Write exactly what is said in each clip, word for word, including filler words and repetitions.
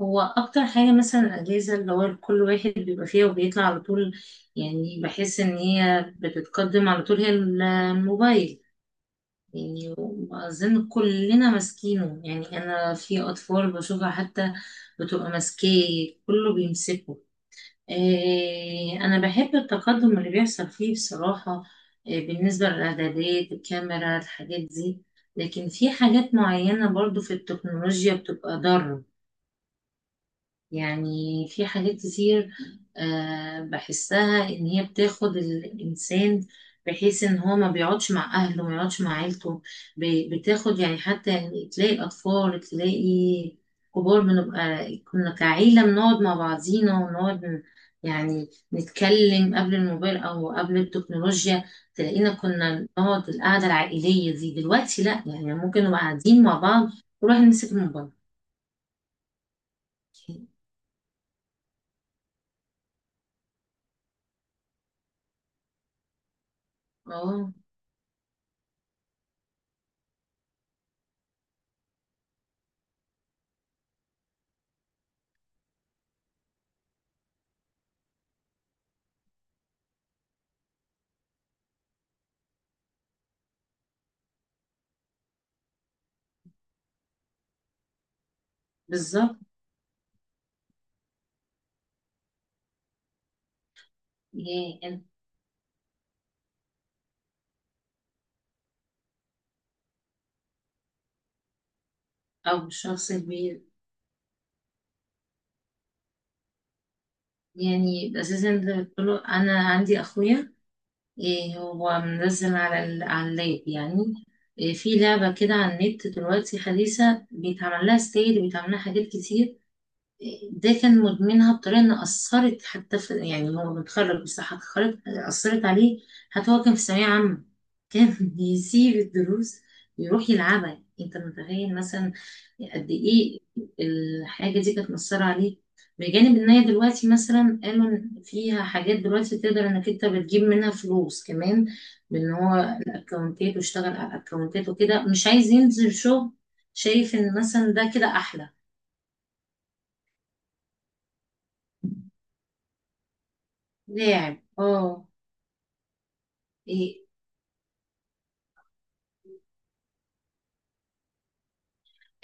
هو اكتر حاجه مثلا الاجازه اللي هو كل واحد بيبقى فيها وبيطلع على طول. يعني بحس ان هي بتتقدم على طول، هي الموبايل. يعني اظن كلنا ماسكينه، يعني انا في اطفال بشوفها حتى بتبقى ماسكاه، كله بيمسكه. إيه، انا بحب التقدم اللي بيحصل فيه بصراحه. إيه بالنسبه للاعدادات الكاميرا الحاجات دي. لكن في حاجات معينه برضو في التكنولوجيا بتبقى ضاره. يعني في حاجات كتير، آه، بحسها إن هي بتاخد الإنسان، بحيث إن هو ما بيقعدش مع أهله ما يقعدش مع عيلته. ب- بتاخد، يعني حتى يعني تلاقي أطفال، تلاقي كبار. بنبقى كنا كعيلة بنقعد مع بعضينا ونقعد ن- يعني نتكلم قبل الموبايل أو قبل التكنولوجيا. تلاقينا كنا نقعد القعدة العائلية دي، دلوقتي لأ. يعني ممكن نبقى قاعدين مع بعض ونروح نمسك الموبايل. اه، بالظبط. يعني أنت أو شخص كبير. يعني أساسا ده كله أنا عندي أخويا. إيه، هو منزل على ال- على اللاب يعني. إيه، في لعبة كده على النت دلوقتي حديثة، بيتعمل لها ستيل وبيتعمل لها حاجات كتير. ده كان مدمنها بطريقة إن أثرت حتى في، يعني هو متخرج، بصحة اتخرج. أثرت عليه، حتى هو كان في ثانوية عامة. كان يسيب الدروس ويروح يلعبها. أنت متخيل مثلا قد إيه الحاجة دي كانت مأثرة عليه؟ بجانب إن هي دلوقتي مثلا قالوا إن فيها حاجات دلوقتي تقدر إنك أنت بتجيب منها فلوس كمان، بإن هو الأكونتات. واشتغل على الأكونتات وكده، مش عايز ينزل شغل. شايف إن مثلا ده كده أحلى. لاعب، اه. إيه.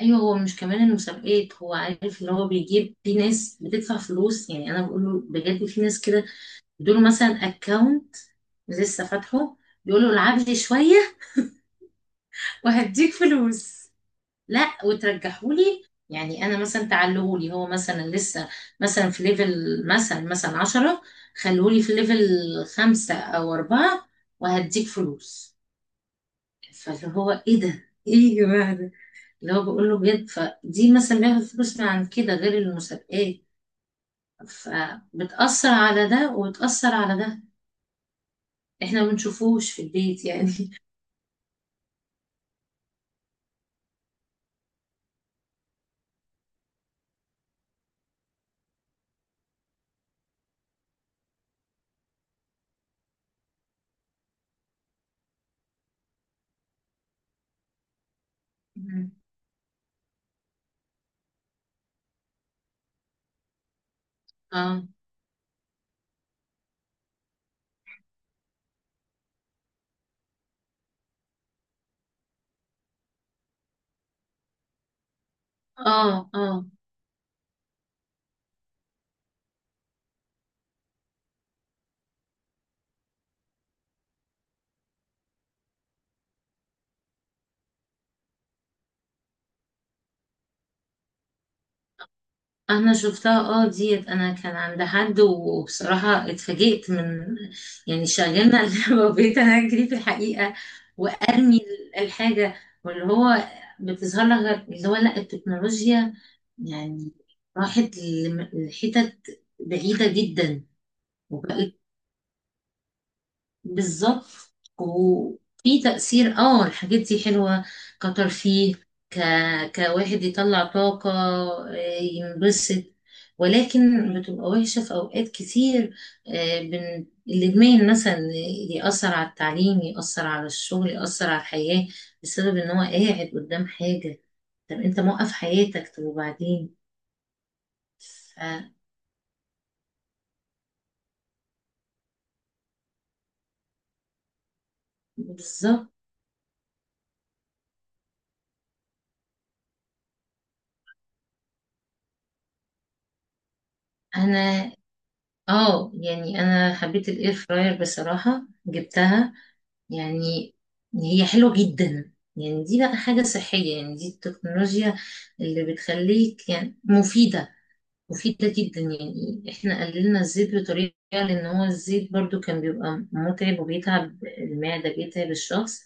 ايوه، هو مش كمان المسابقات، هو عارف ان هو بيجيب، في ناس بتدفع فلوس. يعني انا بقول له بجد في ناس كده، دول مثلا اكونت لسه فاتحه. بيقول له العب لي شويه وهديك فلوس. لا، وترجحولي. يعني انا مثلا تعلهولي، هو مثلا لسه مثلا في ليفل مثلا مثلا عشرة، خلولي في ليفل خمسة او اربعة وهديك فلوس. فاللي هو، ايه ده؟ ايه يا جماعه؟ اللي هو بقول له بجد. فدي مثلا بياخد فلوس من عن كده غير المسابقات. فبتأثر على ده وبتأثر على ده. احنا ما بنشوفوش في البيت يعني. مم. اه، اه. اه، انا شفتها. اه، ديت انا كان عند حد، وبصراحة اتفاجئت من، يعني شغلنا اللعبة وبقيت انا اجري في الحقيقة وارمي الحاجة. واللي هو بتظهر لك غير- اللي هو، لا، التكنولوجيا يعني راحت لم- لحتت بعيدة جدا وبقت. بالظبط. وفي تأثير، اه، الحاجات دي حلوة، كترفيه، ك... كواحد يطلع طاقة، آه، ينبسط. ولكن بتبقى وحشة في أوقات كتير. آه، بن... الإدمان مثلا يأثر على التعليم، يأثر على الشغل، يأثر على الحياة، بسبب إن هو قاعد قدام حاجة. طب أنت موقف حياتك؟ طب وبعدين؟ ف- بالظبط. أنا، اه، يعني انا حبيت الاير فراير بصراحة، جبتها. يعني هي حلوة جدا. يعني دي بقى حاجة صحية، يعني دي التكنولوجيا اللي بتخليك يعني مفيدة. مفيدة جدا. يعني احنا قللنا الزيت بطريقة، لان هو الزيت برضو كان بيبقى متعب وبيتعب المعدة، بيتعب الشخص.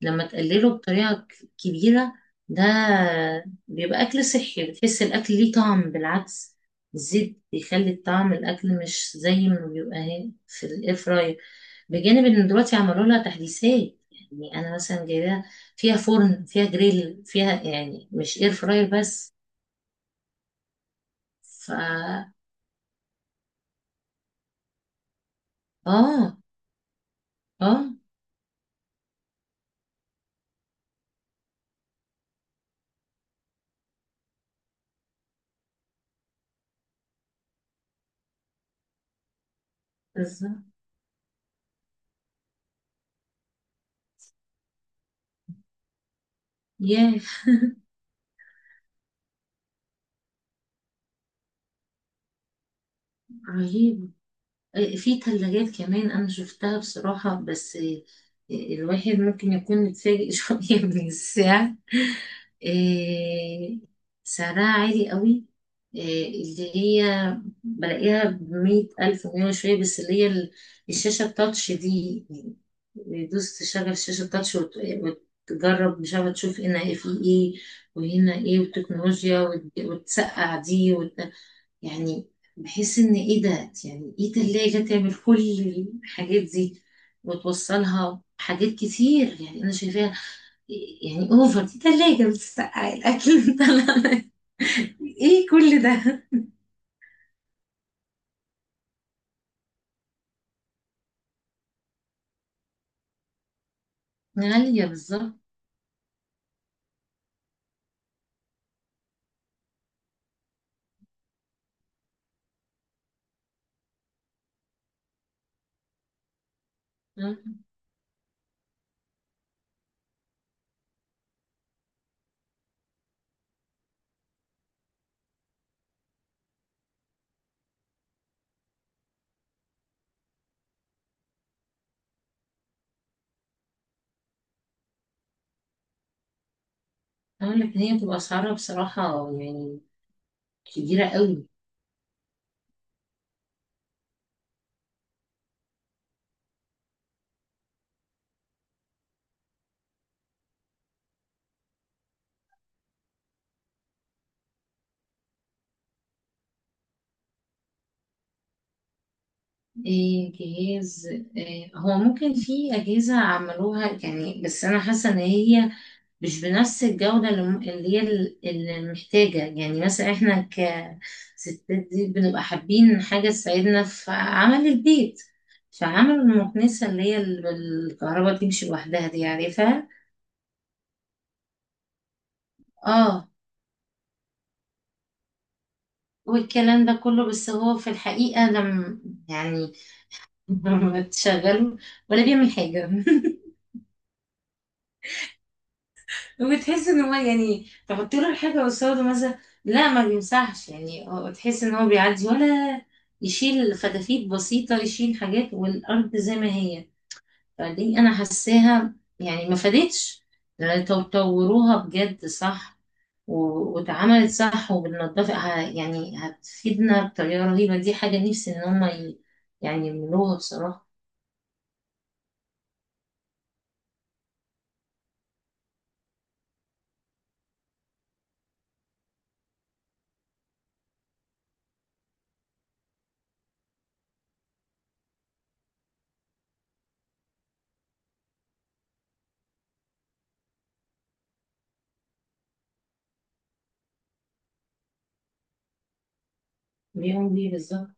لما تقلله بطريقة ك- كبيرة، ده بيبقى أكل صحي. بتحس الأكل ليه طعم بالعكس. الزيت بيخلي الطعم الأكل مش زي ما بيبقى هي- في الإير فراير. بجانب إن دلوقتي عملوا لها تحديثات. يعني أنا مثلا جايباها فيها فرن، فيها جريل، فيها يعني مش إير فراير بس. فا، آه، اه، بالظبط. ياه، رهيب. آه، في ثلاجات كمان انا شفتها بصراحة، بس آه، الواحد ممكن يكون متفاجئ شوية من السعر. آه، سعرها عالي قوي. آه، اللي هي بلاقيها بمية ألف ومية وشوية. بس اللي هي ال- الشاشة التاتش دي، دوس تشغل الشاشة التاتش وت- وتجرب. مش عارفة، تشوف هنا فيه ايه وهنا ايه، وتكنولوجيا وت- وتسقع دي. يعني بحس ان ايه ده؟ يعني ايه تلاجة تعمل كل الحاجات دي وتوصلها حاجات كتير؟ يعني انا شايفاها، يعني اوفر، دي تلاجة بتسقع الاكل طلع- ايه كل ده؟ غالية، بالظبط. اقول لك ان هي بتبقى اسعارها بصراحة يعني كبيرة قوي. إيه جهاز؟ إيه، هو ممكن في أجهزة عملوها يعني، بس أنا حاسة إن هي مش بنفس الجودة اللي م- اللي هي ال- اللي محتاجة. يعني مثلا احنا كستات دي بنبقى حابين حاجة تساعدنا في عمل البيت. فعمل المكنسة اللي هي ال- بالكهرباء تمشي لوحدها دي، عارفها. اه، والكلام ده كله. بس هو في الحقيقة لما يعني لما تشغله ولا بيعمل حاجة. وبتحس ان هو يعني تحط له الحاجه قصاده مثلا، لا، ما بيمسحش. يعني هو تحس ان هو بيعدي ولا يشيل فتافيت بسيطه، يشيل حاجات والارض زي ما هي. فدي انا حاساها يعني ما فادتش. لأن تو- طوروها بجد صح، و- واتعملت صح، وبالنظافه ه- يعني هتفيدنا بطريقه رهيبه. دي حاجه نفسي ان هم ي- يعني يعملوها بصراحه. بيقوم بيه، بالظبط.